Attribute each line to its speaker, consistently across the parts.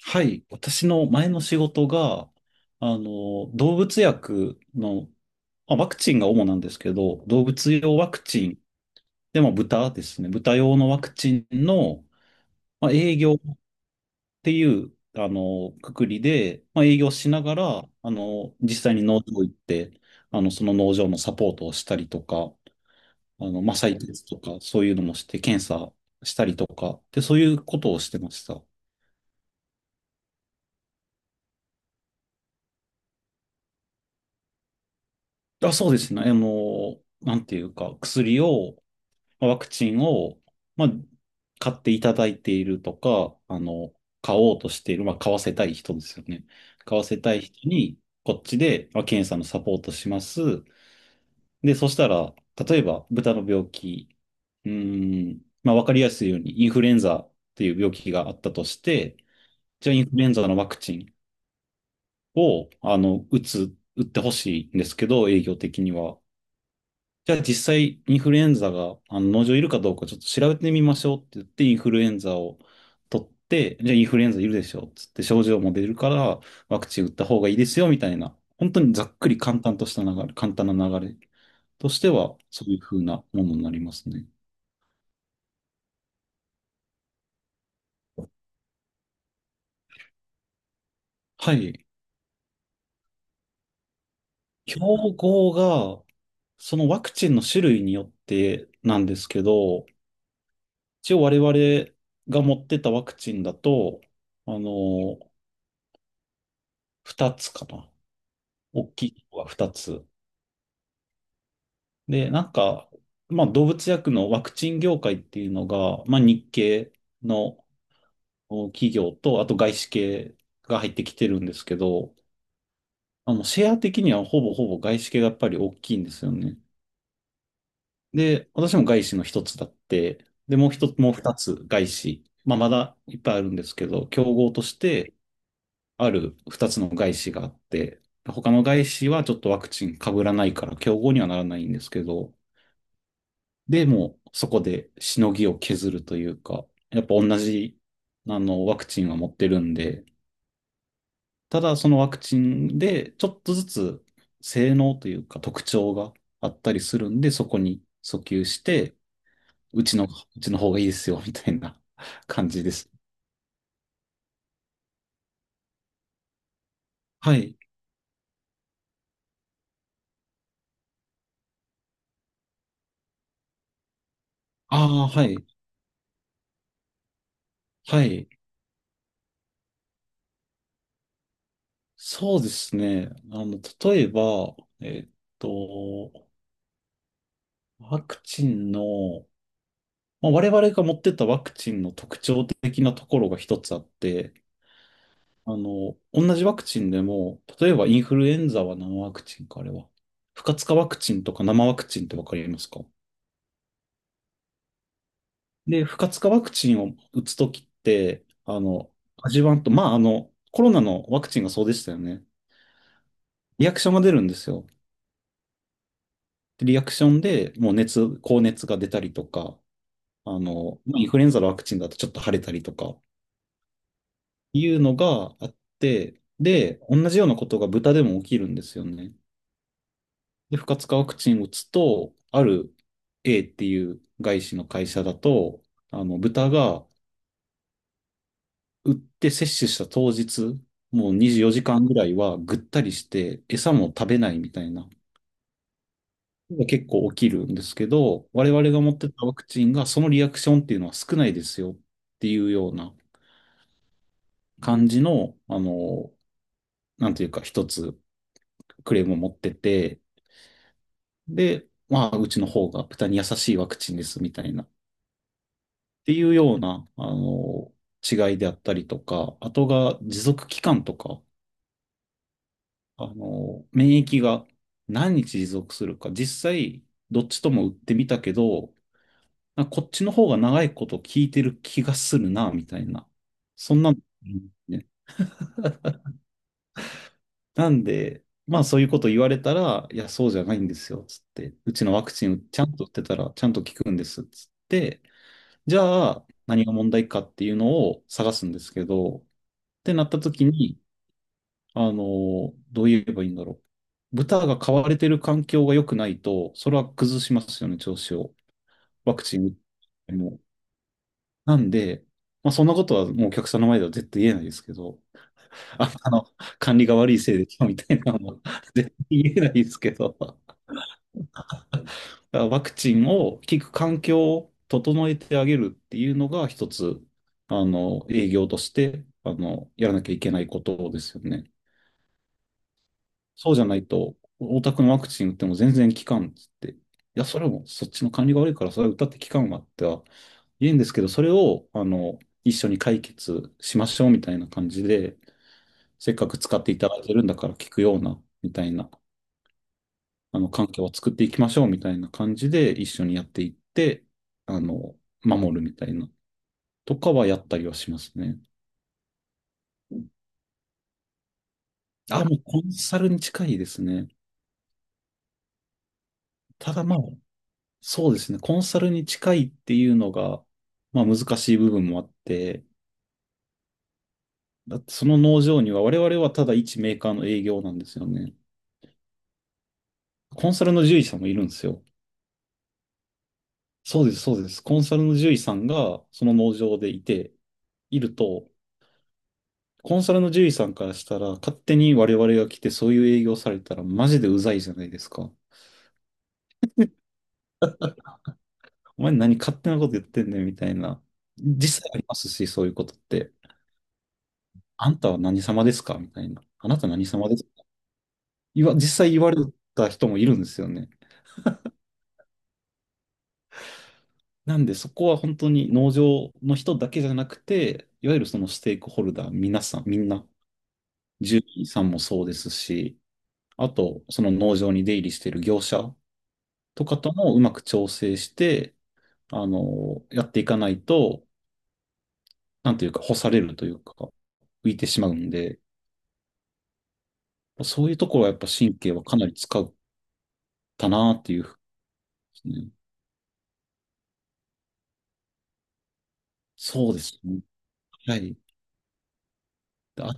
Speaker 1: はい。私の前の仕事が、動物薬の、ワクチンが主なんですけど、動物用ワクチン、でも豚ですね。豚用のワクチンの、営業っていう、くくりで、営業しながら、実際に農場行って、その農場のサポートをしたりとか、採血とか、そういうのもして、検査したりとか、で、そういうことをしてました。あ、そうですね。なんていうか、薬を、ワクチンを、まあ、買っていただいているとか、買おうとしている、買わせたい人ですよね。買わせたい人に、こっちで、検査のサポートします。で、そしたら、例えば、豚の病気、わかりやすいように、インフルエンザっていう病気があったとして、じゃあ、インフルエンザのワクチンを、打ってほしいんですけど、営業的には。じゃあ実際インフルエンザがあの農場いるかどうかちょっと調べてみましょうって言ってインフルエンザを取って、じゃあインフルエンザいるでしょっつって症状も出るからワクチン打った方がいいですよみたいな、本当にざっくり簡単とした流れ、簡単な流れとしてはそういう風なものになりますね。はい。標語がそのワクチンの種類によってなんですけど、一応我々が持ってたワクチンだと、あの、2つかな。大きいのが2つ。で、なんか、動物薬のワクチン業界っていうのが、日系のお企業と、あと外資系が入ってきてるんですけど、シェア的にはほぼほぼ外資系がやっぱり大きいんですよね。で、私も外資の一つだって、で、もう一つ、もう二つ外資。まだいっぱいあるんですけど、競合としてある二つの外資があって、他の外資はちょっとワクチン被らないから競合にはならないんですけど、で、もうそこでしのぎを削るというか、やっぱ同じ、ワクチンは持ってるんで、ただそのワクチンでちょっとずつ性能というか特徴があったりするんで、そこに訴求して、うちの、うちの方がいいですよ、みたいな 感じです。はい。ああ、はい。はい。そうですね。例えば、と、ワクチンの我々が持ってたワクチンの特徴的なところが一つあって、同じワクチンでも、例えばインフルエンザは何ワクチンか、あれは。不活化ワクチンとか生ワクチンってわかりますか？で、不活化ワクチンを打つときって、味わんと、コロナのワクチンがそうでしたよね。リアクションが出るんですよ。でリアクションでもう熱、高熱が出たりとか、まあインフルエンザのワクチンだとちょっと腫れたりとか、いうのがあって、で、同じようなことが豚でも起きるんですよね。で、不活化ワクチンを打つと、ある A っていう外資の会社だと、豚が打って接種した当日、もう24時間ぐらいはぐったりして、餌も食べないみたいな、結構起きるんですけど、我々が持ってたワクチンがそのリアクションっていうのは少ないですよっていうような感じの、なんていうか一つクレームを持ってて、で、うちの方が豚に優しいワクチンですみたいな、っていうような、違いであったりとか、あとが持続期間とか、免疫が何日持続するか、実際、どっちとも打ってみたけど、なんかこっちの方が長いこと聞いてる気がするな、みたいな。そんなの、うんね。なんで、まあそういうこと言われたら、いや、そうじゃないんですよ、つって。うちのワクチンちゃんと打ってたら、ちゃんと効くんです、つって。じゃあ、何が問題かっていうのを探すんですけど、ってなった時に、どう言えばいいんだろう。豚が飼われてる環境が良くないと、それは崩しますよね、調子を。ワクチン打っても。なんで、そんなことはもうお客さんの前では絶対言えないですけど、あ、管理が悪いせいで、みたいなのは絶対言えないですけど。ワクチンを効く環境を整えてあげるっていうのが一つ、営業として、やらなきゃいけないことですよね。そうじゃないと、お宅のワクチン打っても全然効かんっつって。いや、それもそっちの管理が悪いから、それは打ったって効かんわっては言うんですけど、それを、一緒に解決しましょうみたいな感じで、せっかく使っていただいてるんだから効くような、みたいな環境を作っていきましょうみたいな感じで一緒にやっていって、あの、守るみたいな、とかはやったりはしますね。あ、もうコンサルに近いですね。ただまあ、そうですね。コンサルに近いっていうのが、まあ難しい部分もあって、だってその農場には我々はただ一メーカーの営業なんですよね。コンサルの獣医さんもいるんですよ。そうです、そうです。コンサルの獣医さんがその農場でいて、いると、コンサルの獣医さんからしたら、勝手に我々が来てそういう営業されたらマジでうざいじゃないですか。お前何勝手なこと言ってんねんみたいな。実際ありますし、そういうことって。あんたは何様ですかみたいな。あなた何様ですか言わ、実際言われた人もいるんですよね。なんでそこは本当に農場の人だけじゃなくて、いわゆるそのステークホルダー、皆さん、みんな、獣医さんもそうですし、あと、その農場に出入りしている業者とかともうまく調整して、やっていかないと、なんていうか、干されるというか、浮いてしまうんで、そういうところはやっぱ神経はかなり使ったなっていうふうですね。そうですね。はい。あ、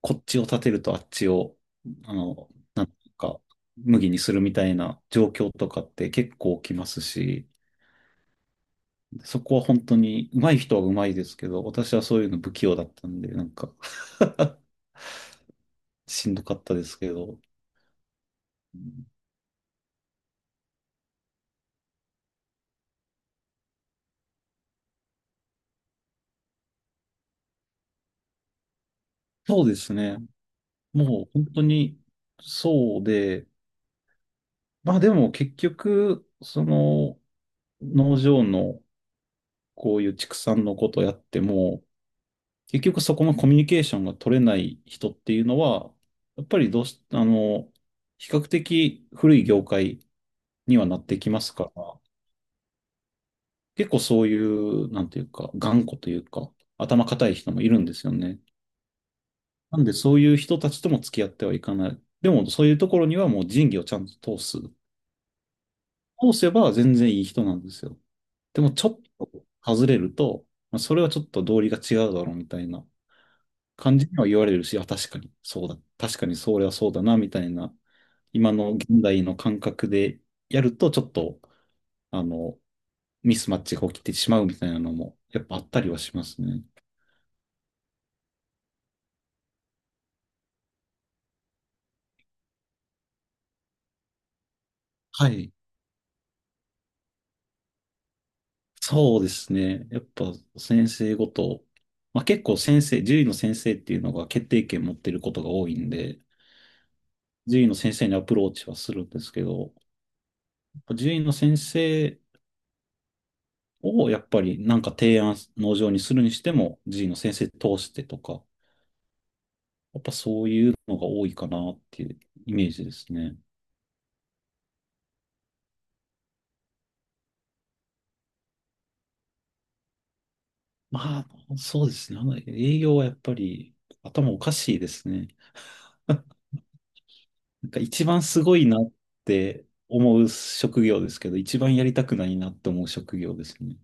Speaker 1: こっちを立てるとあっちを、あの、なんていうか、麦にするみたいな状況とかって結構起きますし、そこは本当に上手い人は上手いですけど、私はそういうの不器用だったんで、なんか しんどかったですけど、そうですね。もう本当にそうで、まあでも結局、その農場のこういう畜産のことやっても、結局そこのコミュニケーションが取れない人っていうのは、やっぱりどうし、比較的古い業界にはなってきますから、結構そういう、なんていうか、頑固というか、頭固い人もいるんですよね。なんでそういう人たちとも付き合ってはいかない。でもそういうところにはもう仁義をちゃんと通す。通せば全然いい人なんですよ。でもちょっと外れると、まあ、それはちょっと道理が違うだろうみたいな感じには言われるし、あ、確かにそうだ。確かにそれはそうだな、みたいな、今の現代の感覚でやると、ちょっと、あの、ミスマッチが起きてしまうみたいなのも、やっぱあったりはしますね。はい。そうですね。やっぱ先生ごと、まあ、結構先生、獣医の先生っていうのが決定権持ってることが多いんで、獣医の先生にアプローチはするんですけど、獣医の先生をやっぱりなんか提案、農場にするにしても、獣医の先生通してとか、やっぱそういうのが多いかなっていうイメージですね。まあ、そうですね。あの営業はやっぱり頭おかしいですね。なんか一番すごいなって思う職業ですけど、一番やりたくないなって思う職業ですね。